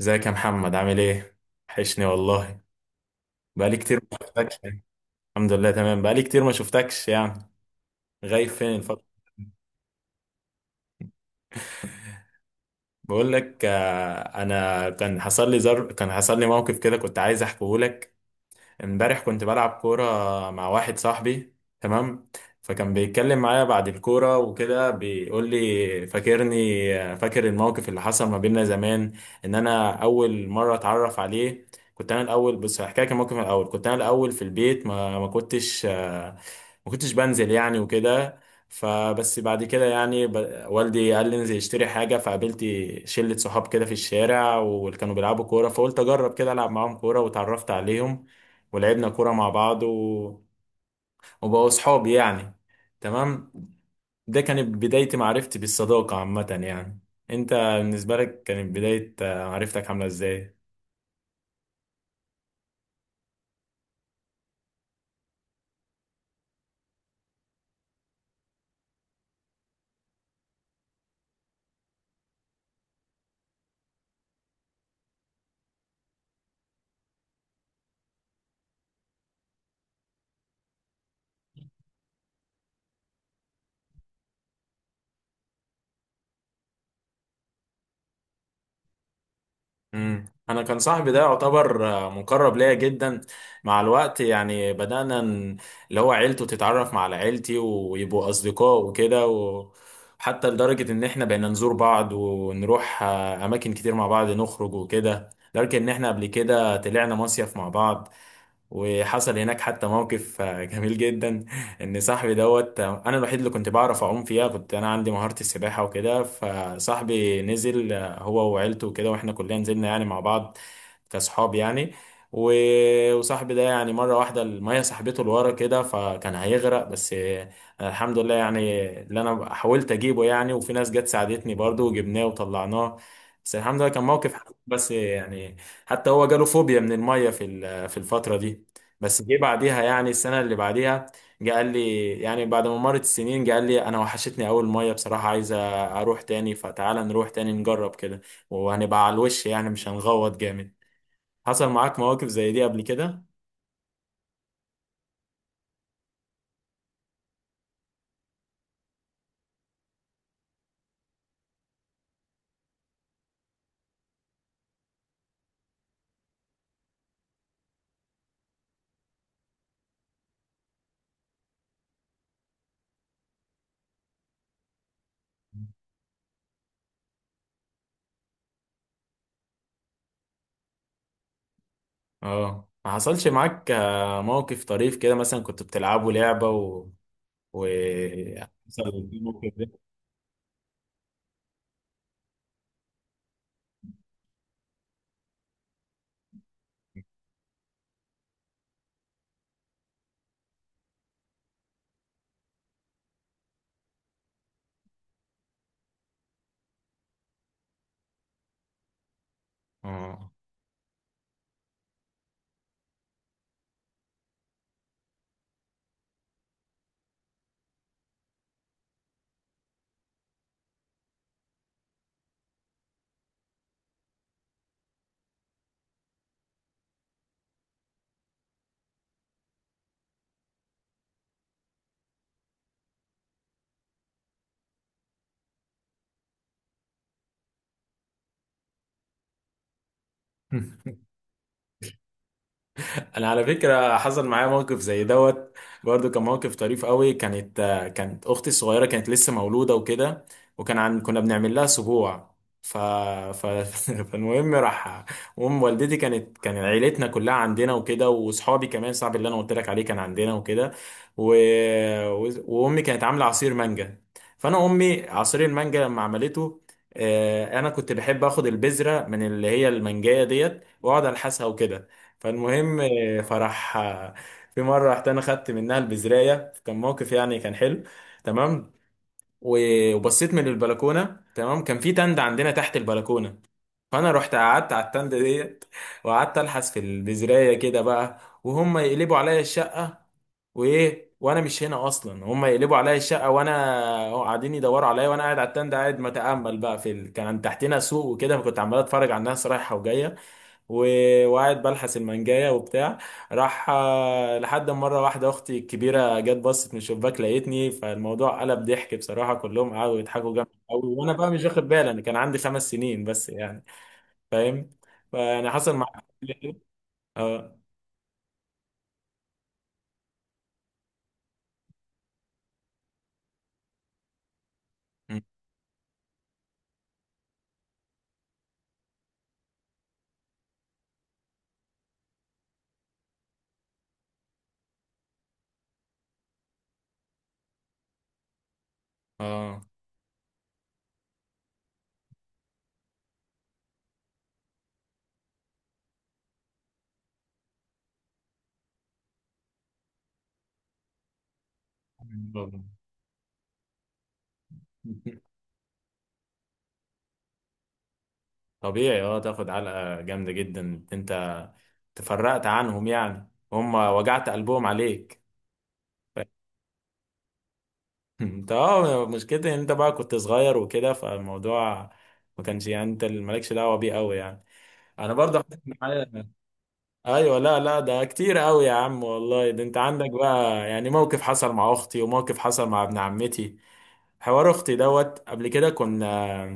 ازيك يا محمد، عامل ايه؟ وحشني والله. بقالي كتير ما شفتكش. الحمد لله تمام. بقالي كتير ما شفتكش يعني. غايب فين الفترة؟ بقول لك، انا كان حصل لي موقف كده، كنت عايز احكيه لك. امبارح كنت بلعب كورة مع واحد صاحبي، تمام. فكان بيتكلم معايا بعد الكورة وكده، بيقول لي فاكرني، فاكر الموقف اللي حصل ما بيننا زمان، ان انا اول مرة اتعرف عليه. كنت انا الاول، بص، هحكي لك الموقف من الاول. كنت انا الاول في البيت. ما كنتش بنزل يعني وكده. فبس بعد كده يعني، والدي قال لي انزل اشتري حاجة، فقابلت شلة صحاب كده في الشارع، واللي كانوا بيلعبوا كورة، فقلت اجرب كده العب معاهم كورة، واتعرفت عليهم. ولعبنا كورة مع بعض، و... وبقوا صحابي يعني. تمام. ده كانت بداية معرفتي بالصداقة عامة يعني. انت بالنسبة لك، كانت بداية معرفتك عاملة ازاي؟ مم. انا كان صاحبي ده يعتبر مقرب ليا جدا. مع الوقت يعني بدأنا اللي هو عيلته تتعرف على عيلتي ويبقوا اصدقاء وكده حتى لدرجة إن إحنا بقينا نزور بعض، ونروح أماكن كتير مع بعض، نخرج وكده، لدرجة إن إحنا قبل كده طلعنا مصيف مع بعض. وحصل هناك حتى موقف جميل جدا. ان صاحبي دوت، انا الوحيد اللي كنت بعرف اعوم فيها. كنت انا عندي مهارة السباحة وكده. فصاحبي نزل هو وعيلته وكده، واحنا كلنا نزلنا يعني مع بعض كاصحاب يعني. و- وصاحبي ده يعني مرة واحدة المية سحبته لورا كده، فكان هيغرق بس الحمد لله يعني اللي انا حاولت اجيبه يعني، وفي ناس جت ساعدتني برضو، وجبناه وطلعناه. بس الحمد لله كان موقف حلو، بس يعني. حتى هو جاله فوبيا من المية في ال- آه، في الفترة دي. بس جه بعديها يعني السنة اللي بعديها. جه قال لي يعني بعد ما مرت السنين جه قال لي: أنا وحشتني أول مية بصراحة، عايز أروح تاني، فتعالى نروح تاني نجرب كده. وهنبقى على الوش يعني، مش هنغوط جامد. حصل معاك مواقف زي دي قبل كده؟ اه، ما حصلش معاك موقف طريف كده، مثلا كنت بتلعبوا لعبة، و يعني حصل في موقف ده؟ اه. انا على فكره حصل معايا موقف زي دوت برضو، كان موقف طريف قوي. كانت اختي الصغيره كانت لسه مولوده وكده. وكان كنا بنعمل لها سبوع. ف... ف... فالمهم راح. ام والدتي كان عيلتنا كلها عندنا وكده، واصحابي كمان، صاحبي اللي انا قلت لك عليه كان عندنا وكده. و... وامي كانت عامله عصير مانجا. امي عصير المانجا لما عملته، انا كنت بحب اخد البذره من اللي هي المانجايه ديت، واقعد الحسها وكده. فالمهم، فراح في مره رحت انا خدت منها البزرايه، كان موقف يعني كان حلو، تمام. و- وبصيت من البلكونه. تمام. كان في تند عندنا تحت البلكونه. فانا رحت قعدت على التند ديت، وقعدت الحس في البزرايه كده بقى، وهم يقلبوا عليا الشقه. وايه، وانا مش هنا اصلا، هم يقلبوا عليا الشقه، وانا قاعدين يدوروا عليا، وانا قاعد على التند، قاعد متامل بقى كان تحتنا سوق وكده، فكنت عمال اتفرج على الناس رايحه وجايه. و- وقاعد بلحس المانجايه وبتاع. راح آه، لحد ما مره واحده اختي الكبيره جت بصت من الشباك لقيتني. فالموضوع قلب ضحك بصراحه، كلهم قعدوا يضحكوا جامد قوي، وانا بقى مش واخد بالي، انا كان عندي 5 سنين بس يعني. فاهم. فانا حصل مع. اه. م- اه. طبيعي، اه، تاخد علقه جامده جدا انت، تفرقت عنهم يعني، هم وجعت قلبهم عليك. انت اه، مشكلتي ان انت بقى كنت صغير وكده، فالموضوع ما كانش، يعني انت اللي مالكش دعوه بيه قوي يعني. انا برضه حصلت معايا. ايوه، لا لا، ده كتير قوي يا عم والله. ده انت عندك بقى يعني موقف حصل مع اختي، وموقف حصل مع ابن عمتي. حوار اختي دوت، قبل كده كنا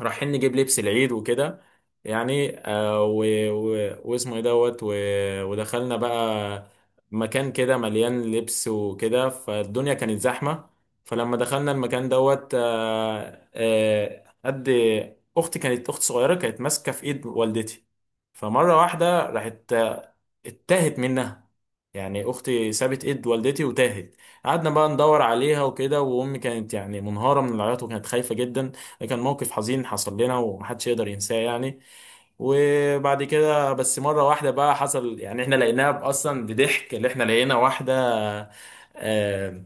رايحين نجيب لبس العيد وكده يعني، و... و... واسمه ايه دوت ودخلنا بقى مكان كده مليان لبس وكده، فالدنيا كانت زحمة. فلما دخلنا المكان دوت آه آه قد اختي كانت اخت صغيرة كانت ماسكة في ايد والدتي. فمرة واحدة راحت اتاهت منها، يعني اختي سابت ايد والدتي وتاهت. قعدنا بقى ندور عليها وكده، وامي كانت يعني منهارة من العياط، وكانت خايفة جدا. ده كان موقف حزين حصل لنا، ومحدش يقدر ينساه يعني. وبعد كده بس مرة واحدة بقى حصل يعني احنا لقيناها اصلا بضحك، اللي احنا لقينا واحدة آه،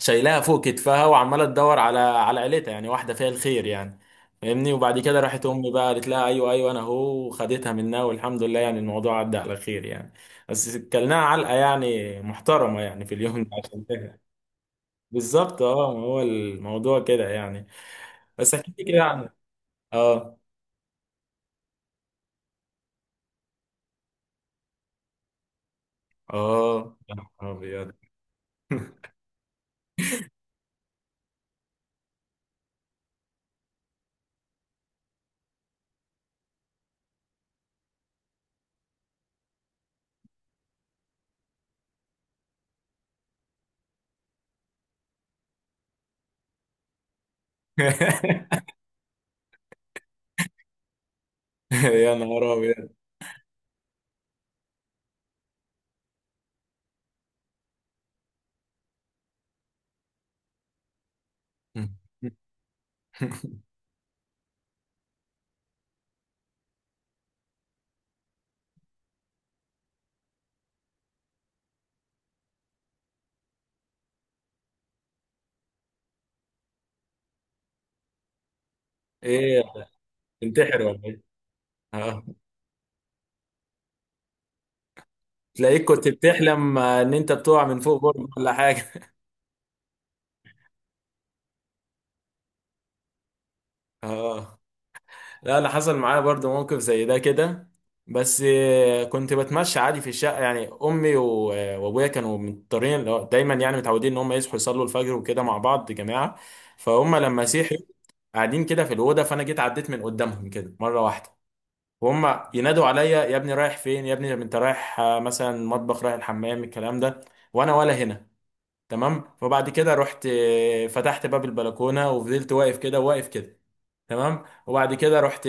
شايلاها فوق كتفها وعمالة تدور على عيلتها، يعني واحدة فيها الخير يعني. فاهمني، وبعد كده راحت امي بقى قالت لها: ايوه، ايوه، انا اهو، وخدتها منها، والحمد لله يعني الموضوع عدى على خير يعني. بس كلناها علقة يعني محترمة يعني في اليوم ده عشان كده. بالظبط، اه، ما هو الموضوع كده يعني. بس احكي لي كده عن. اه. اه. يا نهار ابيض. يا نهار ابيض. ايه، تنتحر ولا ايه؟ اه، تلاقيك كنت بتحلم ان انت بتقع من فوق برج ولا حاجه. اه، لا، انا حصل معايا برضو موقف زي ده كده، بس كنت بتمشى عادي في الشقه، يعني امي وابويا كانوا مضطرين، اللي هو دايما يعني متعودين ان هم يصحوا يصلوا الفجر وكده مع بعض جماعه. فهم لما صحوا، قاعدين كده في الاوضه، فانا جيت عديت من قدامهم كده مره واحده. وهم ينادوا عليا: يا ابني رايح فين، يا ابني انت رايح مثلا مطبخ، رايح الحمام، الكلام ده. وانا ولا هنا. تمام. فبعد كده رحت فتحت باب البلكونه، وفضلت واقف كده واقف كده. تمام. وبعد كده رحت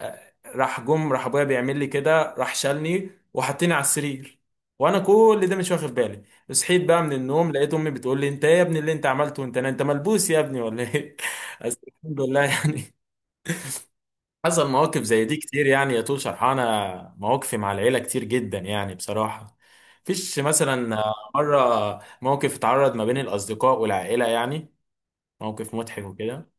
راح ابويا بيعمل لي كده، راح شالني وحطني على السرير. وانا كل ده مش واخد بالي. صحيت بقى من النوم لقيت امي بتقول لي: انت ايه يا ابني اللي انت عملته، انت ملبوس يا ابني ولا ايه؟ بس الحمد لله يعني. حصل مواقف زي دي كتير يعني، يا طول شرحانة مواقفي مع العيلة كتير جدا يعني بصراحة. فيش مثلا مرة موقف اتعرض ما بين الأصدقاء والعائلة يعني، موقف مضحك وكده.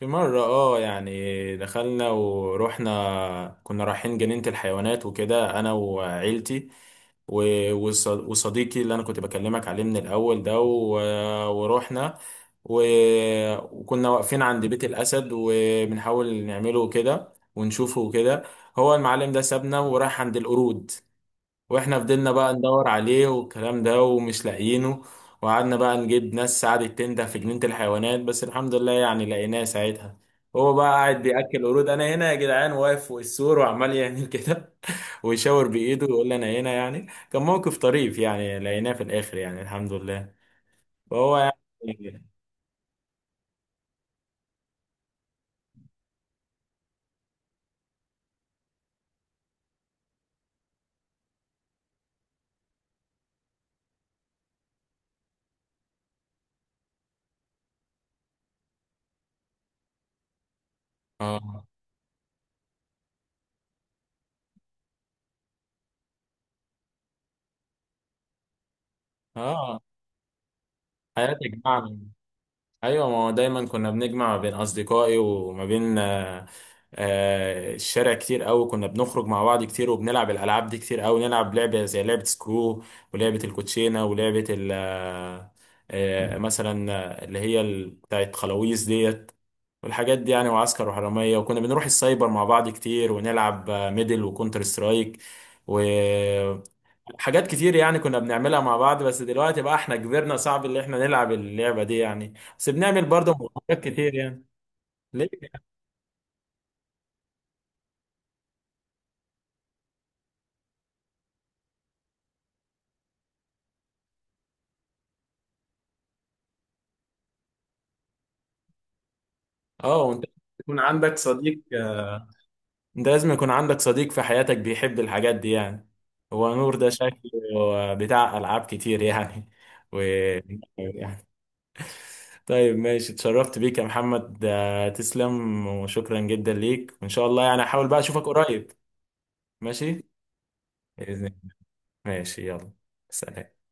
في مرة، اه، يعني دخلنا، ورحنا كنا رايحين جنينة الحيوانات وكده، أنا وعيلتي و- وص- وصديقي اللي انا كنت بكلمك عليه من الاول ده، و- ورحنا و- وكنا واقفين عند بيت الاسد وبنحاول نعمله كده ونشوفه كده. هو المعلم ده سابنا وراح عند القرود، واحنا فضلنا بقى ندور عليه والكلام ده ومش لاقيينه. وقعدنا بقى نجيب ناس قعدت تنده في جنينة الحيوانات، بس الحمد لله يعني لقيناه ساعتها. هو بقى قاعد بياكل قرود: انا هنا يا جدعان، واقف فوق السور وعمال يعمل كده ويشاور بايده ويقول لي انا هنا. يعني كان موقف طريف يعني، لقيناه في الاخر يعني، الحمد لله. فهو يعني. اه. اه. حياتك معنا. ايوه، ما هو دايما كنا بنجمع ما بين اصدقائي وما بين الشارع كتير قوي، كنا بنخرج مع بعض كتير، وبنلعب الالعاب دي كتير قوي. نلعب لعبه زي لعبه سكرو، ولعبه الكوتشينه، ولعبه ال آه، آه، مثلا اللي هي بتاعت خلاويص ديت. والحاجات دي يعني، وعسكر وحراميه، وكنا بنروح السايبر مع بعض كتير ونلعب ميدل وكونتر سترايك. حاجات كتير يعني كنا بنعملها مع بعض، بس دلوقتي بقى احنا كبرنا، صعب اللي احنا نلعب اللعبة دي يعني، بس بنعمل برضه مغامرات كتير يعني. ليه؟ اه، وانت يكون عندك صديق انت لازم يكون عندك صديق في حياتك بيحب الحاجات دي يعني. هو نور ده شكله بتاع ألعاب كتير يعني. و يعني. طيب، ماشي، اتشرفت بيك يا محمد. تسلم وشكرا جدا ليك، وإن شاء الله يعني أحاول بقى أشوفك قريب. ماشي. بإذن الله. ماشي. يلا. سلام.